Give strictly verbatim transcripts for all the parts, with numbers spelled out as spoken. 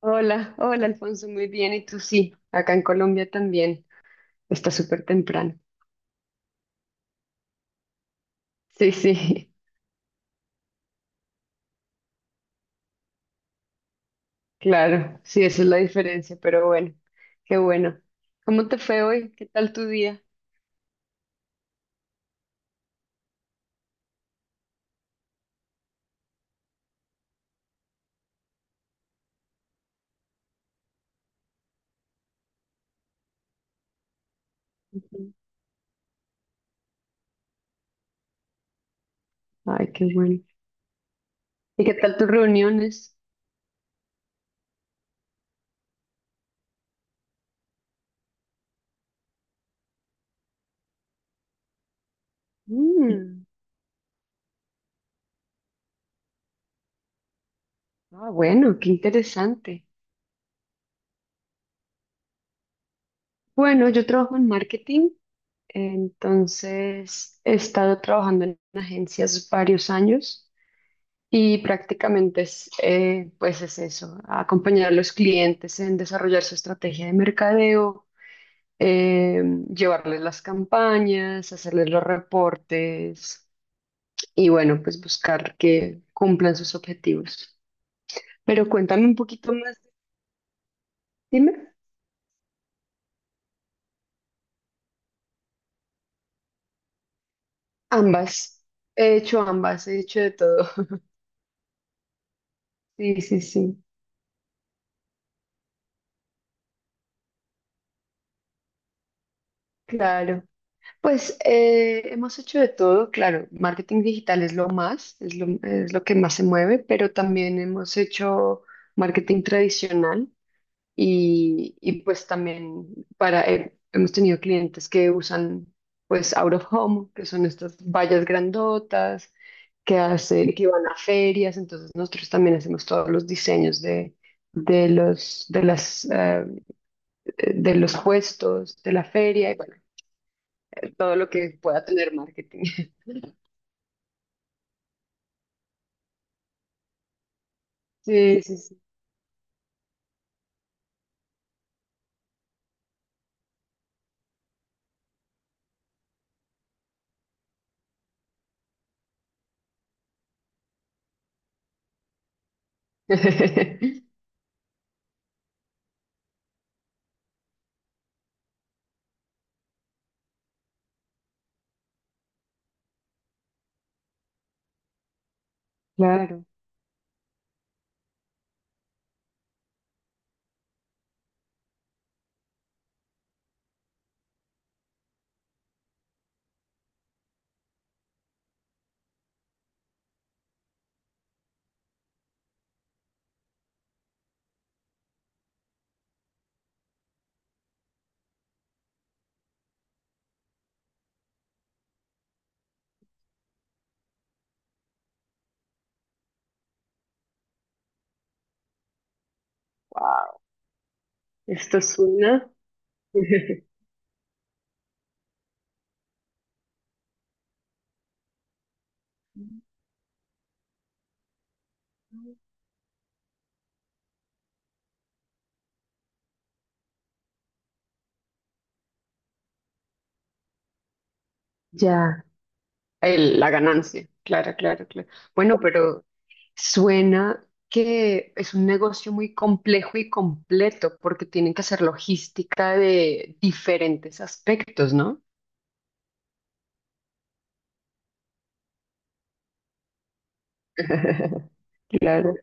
Hola, hola Alfonso, muy bien. ¿Y tú sí? Acá en Colombia también. Está súper temprano. Sí, sí, claro. Sí, esa es la diferencia, pero bueno, qué bueno. ¿Cómo te fue hoy? ¿Qué tal tu día? Ujú. Ay, qué bueno. ¿Y qué tal tus reuniones? Mm. Ah, bueno, qué interesante. Bueno, yo trabajo en marketing, entonces he estado trabajando en agencias varios años. Y prácticamente es, eh, pues es eso, acompañar a los clientes en desarrollar su estrategia de mercadeo, eh, llevarles las campañas, hacerles los reportes y bueno, pues buscar que cumplan sus objetivos. Pero cuéntame un poquito más, dime, ambas, he hecho ambas, he hecho de todo. Sí, sí, sí, claro. Pues eh, hemos hecho de todo, claro, marketing digital es lo más, es lo, es lo que más se mueve, pero también hemos hecho marketing tradicional y, y pues también para, he- hemos tenido clientes que usan pues out of home, que son estas vallas grandotas que hacen, que van a ferias, entonces nosotros también hacemos todos los diseños de, de los, de las, eh, de los puestos, de la feria y bueno, de todo lo que pueda tener marketing. Sí, sí, sí. Claro. Wow. Esto suena. Ya. El- la ganancia. Claro, claro, claro. Bueno, pero suena que es un negocio muy complejo y completo porque tienen que hacer logística de diferentes aspectos, ¿no? Claro,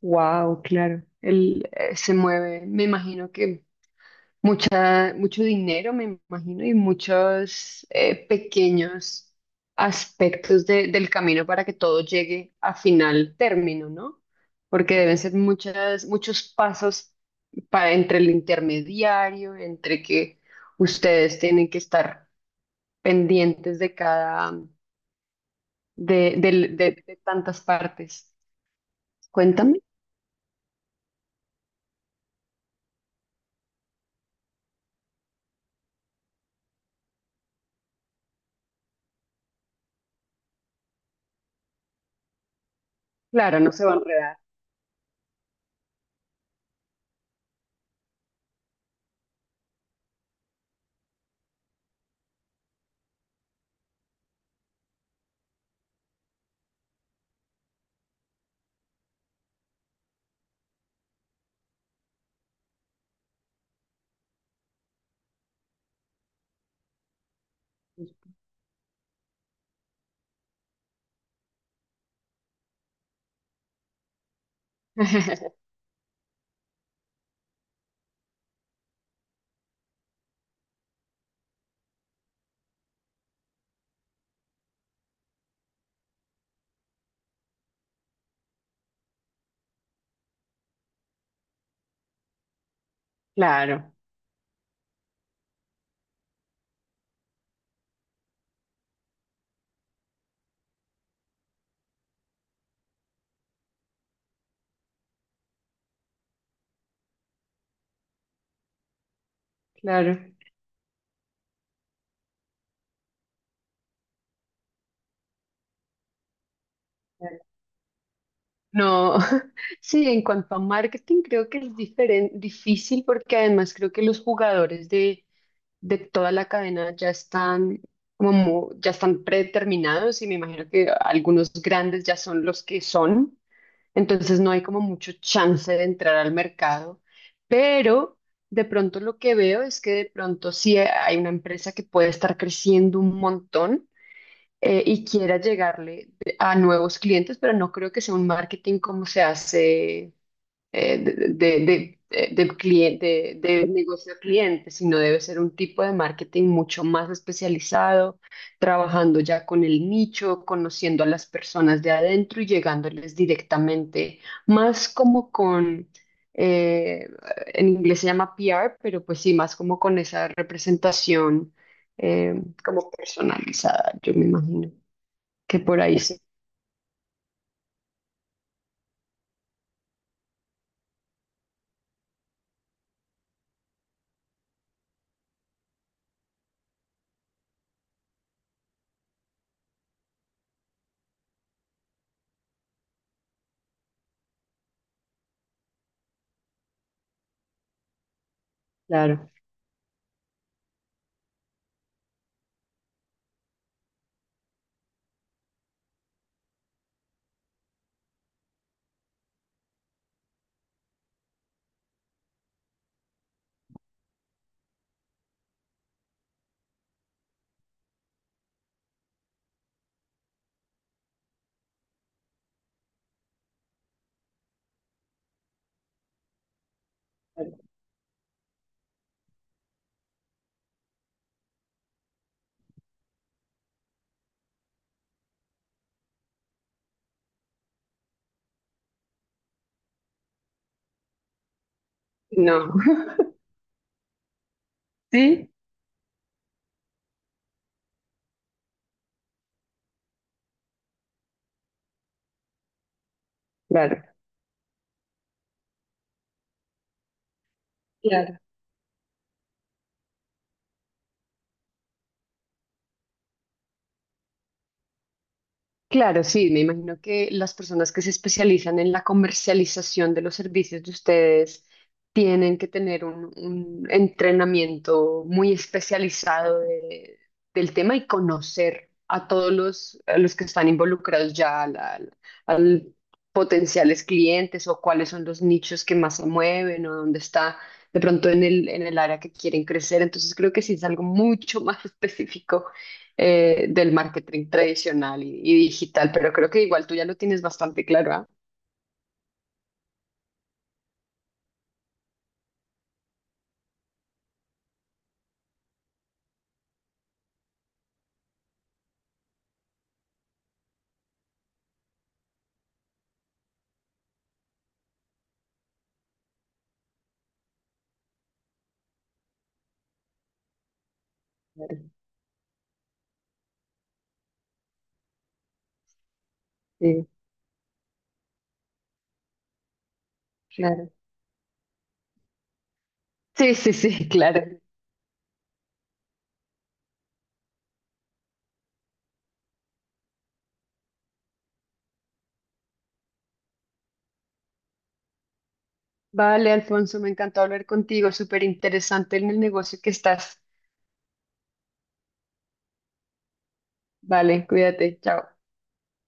wow, claro. Él eh, se mueve, me imagino que mucha, mucho dinero, me imagino, y muchos eh, pequeños aspectos de- del camino para que todo llegue a final término, ¿no? Porque deben ser muchas, muchos pasos para, entre el intermediario, entre que ustedes tienen que estar pendientes de cada, de, del- de- de tantas partes. Cuéntame. Claro, no se va a enredar. Claro, claro. No, sí, en cuanto a marketing creo que es diferen- difícil porque además creo que los jugadores de, de toda la cadena ya están como mu- ya están predeterminados y me imagino que algunos grandes ya son los que son, entonces no hay como mucho chance de entrar al mercado, pero de pronto lo que veo es que de pronto sí hay una empresa que puede estar creciendo un montón eh, y quiera llegarle a nuevos clientes, pero no creo que sea un marketing como se hace eh, de, de, de, de- de cliente, de, de negocio a cliente, sino debe ser un tipo de marketing mucho más especializado, trabajando ya con el nicho, conociendo a las personas de adentro y llegándoles directamente, más como con... eh, en inglés se llama P R, pero pues sí, más como con esa representación eh, como personalizada, yo me imagino que por ahí sí, claro. No, sí, claro. Claro. Claro, sí, me imagino que las personas que se especializan en la comercialización de los servicios de ustedes tienen que tener un, un entrenamiento muy especializado de- del tema y conocer a todos los, a los que están involucrados ya al, al- al potenciales clientes o cuáles son los nichos que más se mueven o dónde está de pronto en el, en el área que quieren crecer. Entonces creo que sí es algo mucho más específico eh, del marketing tradicional y, y digital, pero creo que igual tú ya lo tienes bastante claro, ¿ah? Claro. Sí, claro. Sí, sí, sí, claro. Vale, Alfonso, me encantó hablar contigo, súper interesante en el negocio que estás. Vale, cuídate, chao.